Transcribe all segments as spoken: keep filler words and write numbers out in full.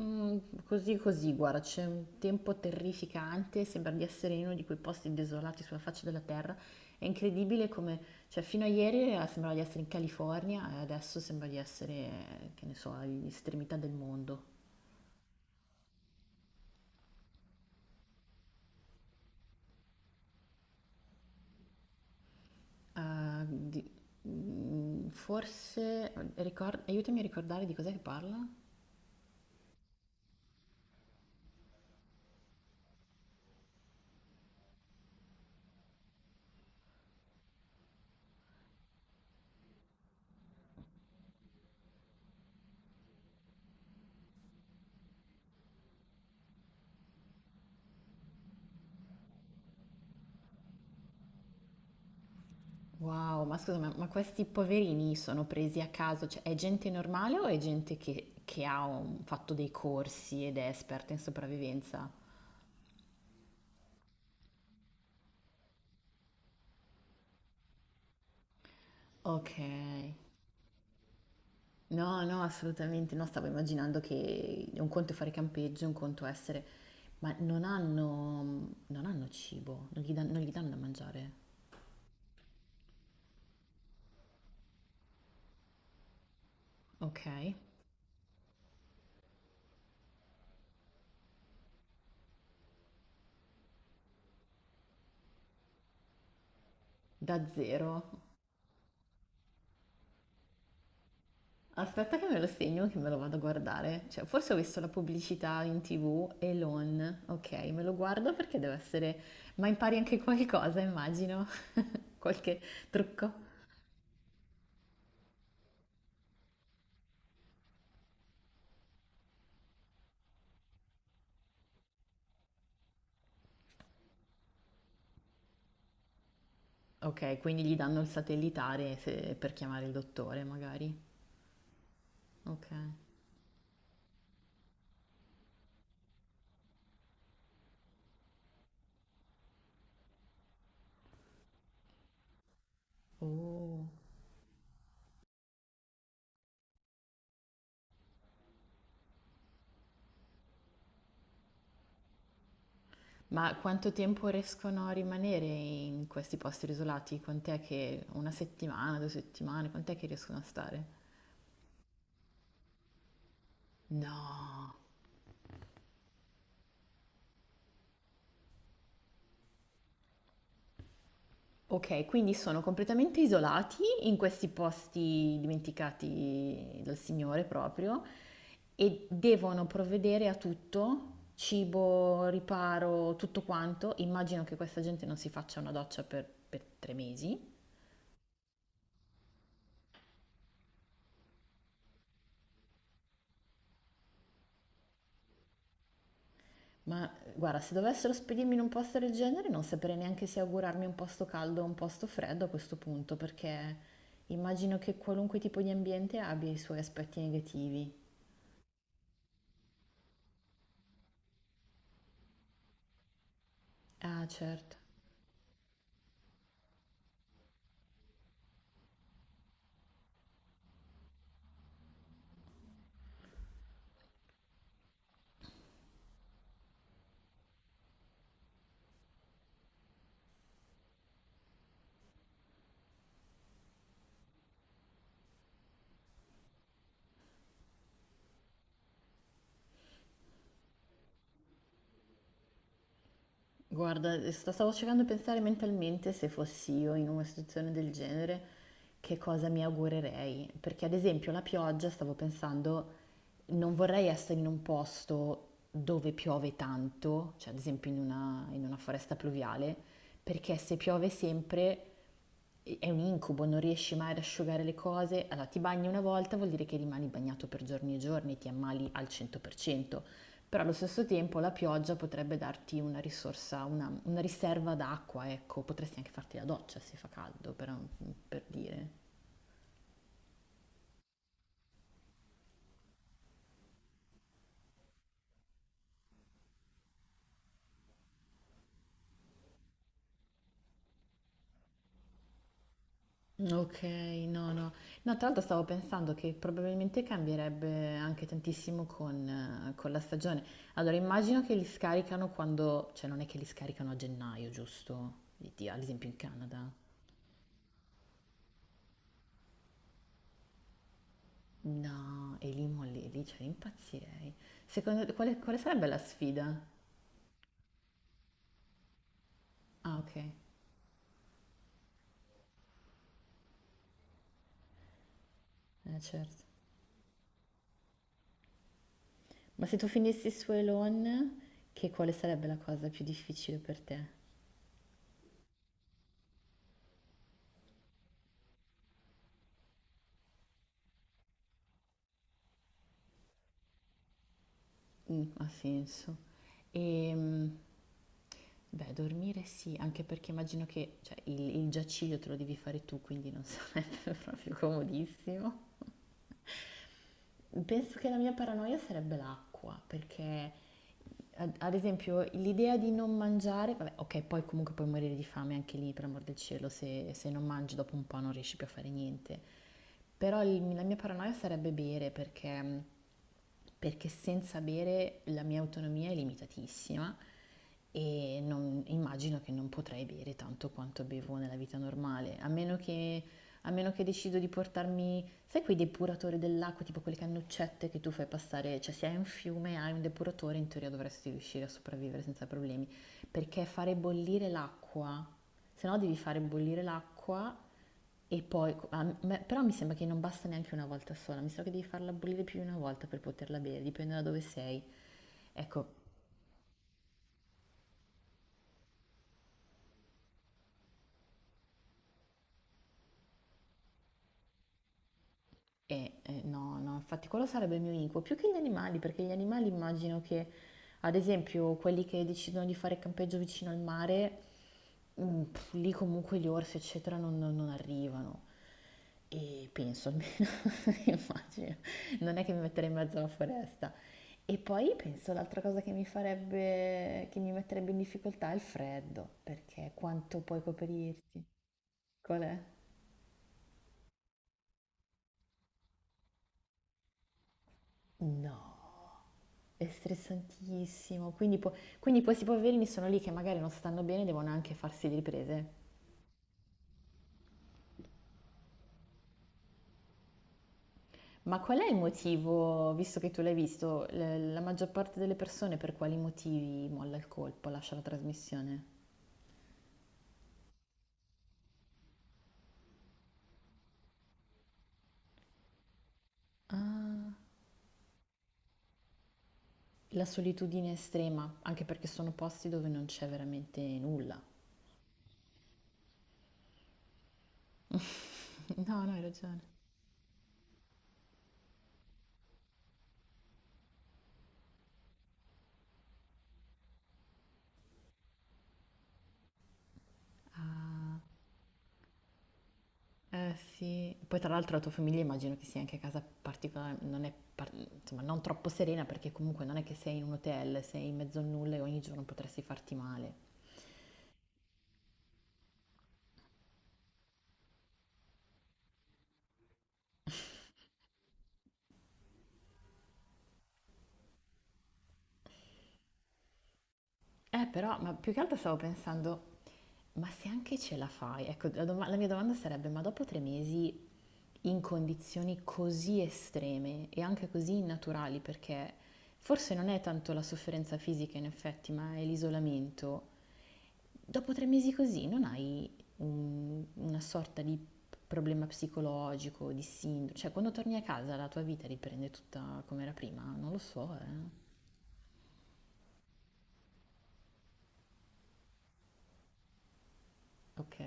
Mm, così così, guarda, c'è un tempo terrificante, sembra di essere in uno di quei posti desolati sulla faccia della terra. È incredibile come, cioè, fino a ieri eh, sembrava di essere in California e adesso sembra di essere, eh, che ne so, all'estremità del mondo. Ah, di- mm, forse, ricor- aiutami a ricordare di cos'è che parla? Wow, ma scusa, ma, ma questi poverini sono presi a caso? Cioè, è gente normale o è gente che, che ha un- fatto dei corsi ed è esperta in sopravvivenza? Ok, no, no, assolutamente no, stavo immaginando che un conto è fare campeggio, un conto è essere... Ma non hanno, non hanno cibo, non gli, dan- non gli danno da mangiare. Ok, da zero. Aspetta che me lo segno, che me lo vado a guardare. Cioè, forse ho visto la pubblicità in T V, Elon. Ok, me lo guardo perché deve essere... Ma impari anche qualcosa, immagino. Qualche trucco. Ok, quindi gli danno il satellitare se- per chiamare il dottore, magari. Ok. Oh, ma quanto tempo riescono a rimanere in questi posti isolati? Quant'è che una settimana, due settimane, quant'è che riescono a stare? No. Ok, quindi sono completamente isolati in questi posti dimenticati dal Signore proprio e devono provvedere a tutto, cibo, riparo, tutto quanto. Immagino che questa gente non si faccia una doccia per, per tre mesi. Ma guarda, se dovessero spedirmi in un posto del genere, non saprei neanche se augurarmi un posto caldo o un posto freddo a questo punto, perché immagino che qualunque tipo di ambiente abbia i suoi aspetti negativi. Ah, certo. Guarda, sto- stavo cercando di pensare mentalmente se fossi io in una situazione del genere, che cosa mi augurerei. Perché ad esempio la pioggia, stavo pensando, non vorrei essere in un posto dove piove tanto, cioè ad esempio in una, in una foresta pluviale, perché se piove sempre è un incubo, non riesci mai ad asciugare le cose. Allora ti bagni una volta, vuol dire che rimani bagnato per giorni e giorni, ti ammali al cento per cento. Però allo stesso tempo la pioggia potrebbe darti una risorsa, una, una riserva d'acqua, ecco, potresti anche farti la doccia se fa caldo, per, per dire. Ok, no, no. No, tra l'altro stavo pensando che probabilmente cambierebbe anche tantissimo con, eh, con la stagione. Allora, immagino che li scaricano quando, cioè non è che li scaricano a gennaio, giusto? Di- di- Ad esempio in Canada. No, e lì molli, lì, cioè impazzirei. Secondo te, quale, quale sarebbe la sfida? Ah, ok, eh, certo. Ma se tu finissi su Elon, che quale sarebbe la cosa più difficile per te? Mm, ha senso. E, beh, dormire sì, anche perché immagino che cioè, il, il giaciglio te lo devi fare tu, quindi non sarebbe proprio comodissimo. Penso che la mia paranoia sarebbe l'acqua, perché ad ad esempio l'idea di non mangiare, vabbè, ok, poi comunque puoi morire di fame anche lì, per amor del cielo, se, se non mangi dopo un po' non riesci più a fare niente. Però il- la mia paranoia sarebbe bere, perché, perché senza bere la mia autonomia è limitatissima e non- immagino che non potrei bere tanto quanto bevo nella vita normale, a meno che a meno che decido di portarmi, sai quei depuratori dell'acqua, tipo quelle cannuccette che tu fai passare, cioè se hai un fiume, hai un depuratore, in teoria dovresti riuscire a sopravvivere senza problemi, perché fare bollire l'acqua, se no devi fare bollire l'acqua e poi, a me- però mi sembra che non basta neanche una volta sola, mi sa che devi farla bollire più di una volta per poterla bere, dipende da dove sei. Ecco, E, eh, no, no, infatti quello sarebbe il mio incubo, più che gli animali, perché gli animali immagino che, ad esempio, quelli che decidono di fare campeggio vicino al mare, mm, pff, lì comunque gli orsi, eccetera, non, non- non arrivano. E penso almeno, immagino, non è che mi metterei in mezzo alla foresta. E poi penso l'altra cosa che mi farebbe, che mi metterebbe in difficoltà è il freddo, perché quanto puoi coprirti? Qual è? No. È stressantissimo, quindi, po- quindi questi poverini sono lì che magari non stanno bene e devono anche farsi le riprese. Ma qual è il motivo, visto che tu l'hai visto, l- la maggior parte delle persone per quali motivi molla il colpo, lascia la trasmissione? Ah, la solitudine estrema, anche perché sono posti dove non c'è veramente nulla. No, no, hai ragione. Ah. Eh sì, poi tra l'altro la tua famiglia immagino che sia anche a casa particolare, non è par- insomma, non troppo serena perché comunque non è che sei in un hotel, sei in mezzo a nulla e ogni giorno potresti farti male. Eh però, ma più che altro stavo pensando, ma se anche ce la fai, ecco, la, doma- la mia domanda sarebbe, ma dopo tre mesi in condizioni così estreme e anche così innaturali, perché forse non è tanto la sofferenza fisica in effetti, ma è l'isolamento. Dopo tre mesi così non hai un- una sorta di problema psicologico, di sindrome, cioè quando torni a casa la tua vita riprende tutta come era prima? Non lo so, eh. Ok?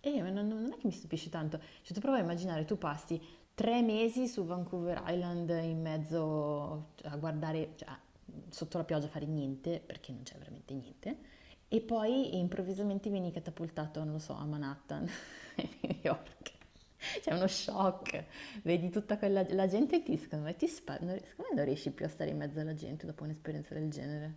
Eh, ma non, non è che mi stupisce tanto. Cioè, tu prova a immaginare, tu passi tre mesi su Vancouver Island in mezzo cioè, a guardare, cioè, sotto la pioggia a fare niente, perché non c'è veramente niente, e poi improvvisamente vieni catapultato, non lo so, a Manhattan, a New York. C'è uno shock, vedi tutta quella la gente e ti, secondo me, ti spa- non- secondo me non riesci più a stare in mezzo alla gente dopo un'esperienza del genere.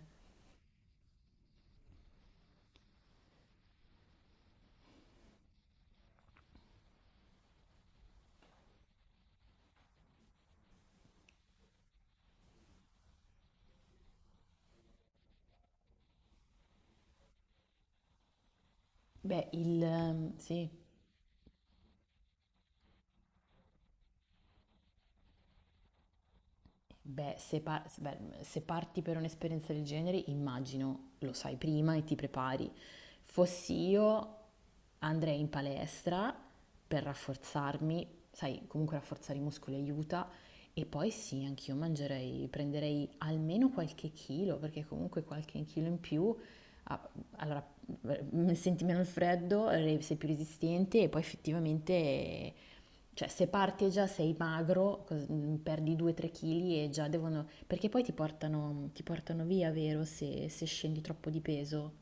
Beh, il... ehm, sì. Beh, se, par- se- beh, se parti per un'esperienza del genere, immagino lo sai prima e ti prepari. Fossi io, andrei in palestra per rafforzarmi, sai, comunque rafforzare i muscoli aiuta. E poi sì, anch'io mangerei, prenderei almeno qualche chilo, perché comunque qualche chilo in più, ah, allora eh, senti meno il freddo, eh, sei più resistente e poi effettivamente, eh, cioè se parti e già sei magro, cos- mm, perdi due tre kg e già devono, perché poi ti portano, ti portano via, vero, se, se scendi troppo di peso.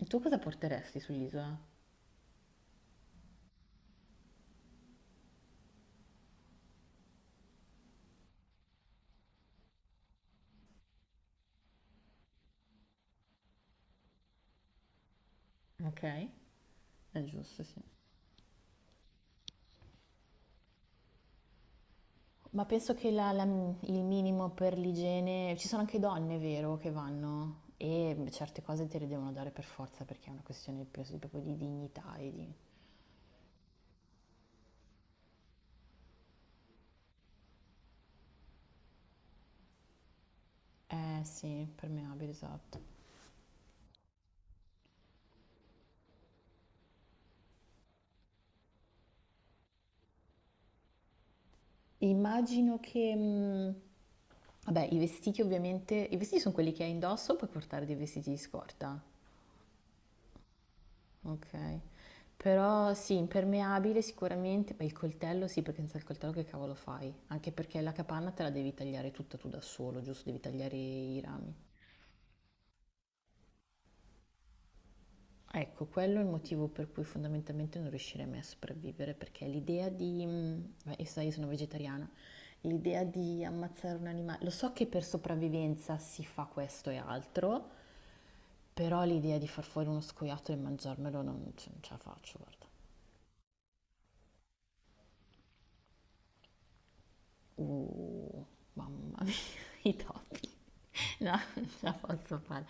E tu cosa porteresti sull'isola? Ok, è giusto, sì. Ma penso che la- la- il minimo per l'igiene, ci sono anche donne, vero, che vanno e certe cose te le devono dare per forza perché è una questione più- proprio di dignità e di... Eh sì, permeabile, esatto. Immagino che... mm, Vabbè, i vestiti ovviamente... I vestiti sono quelli che hai indosso, puoi portare dei vestiti di scorta. Ok. Però sì, impermeabile sicuramente, ma il coltello sì, perché senza il coltello che cavolo fai? Anche perché la capanna te la devi tagliare tutta tu da solo, giusto? Devi tagliare i rami. Ecco, quello è il motivo per cui fondamentalmente non riuscirei mai a sopravvivere, perché l'idea di... mm, Beh, io so, io sono vegetariana, l'idea di ammazzare un animale... Lo so che per sopravvivenza si fa questo e altro, però l'idea di far fuori uno scoiattolo e mangiarmelo non, cioè, non ce la faccio, guarda. Uh, mamma mia, i topi. No, non ce la posso fare.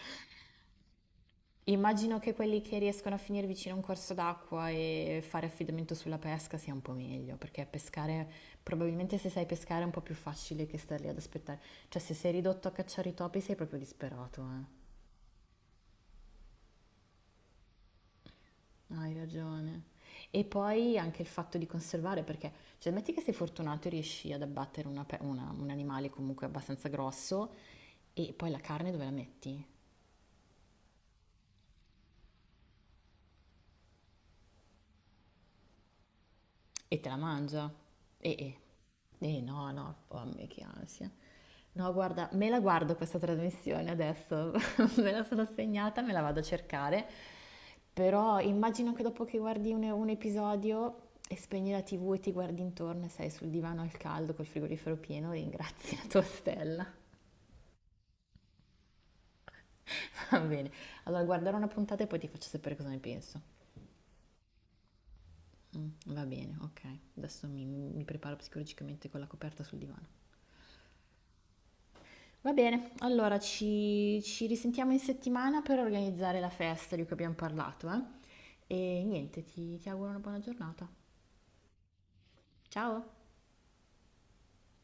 Immagino che quelli che riescono a finire vicino a un corso d'acqua e fare affidamento sulla pesca sia un po' meglio, perché pescare, probabilmente se sai pescare è un po' più facile che stare lì ad aspettare. Cioè, se sei ridotto a cacciare i topi sei proprio disperato, eh. Hai ragione. E poi anche il fatto di conservare, perché, cioè, metti che sei fortunato e riesci ad abbattere una pe- una- un animale comunque abbastanza grosso, e poi la carne dove la metti? E te la mangia? Eh, eh. Eh, no, no, oh, a me che ansia. No, guarda, me la guardo questa trasmissione adesso, me la sono segnata, me la vado a cercare, però immagino che dopo che guardi un, un episodio e spegni la T V e ti guardi intorno e sei sul divano al caldo col frigorifero pieno, ringrazi la tua stella. Va bene, allora guarderò una puntata e poi ti faccio sapere cosa ne penso. Mm, va bene, ok, adesso mi, mi preparo psicologicamente con la coperta sul divano. Va bene, allora ci, ci risentiamo in settimana per organizzare la festa di cui abbiamo parlato, eh? E niente, ti ti auguro una buona giornata. Ciao!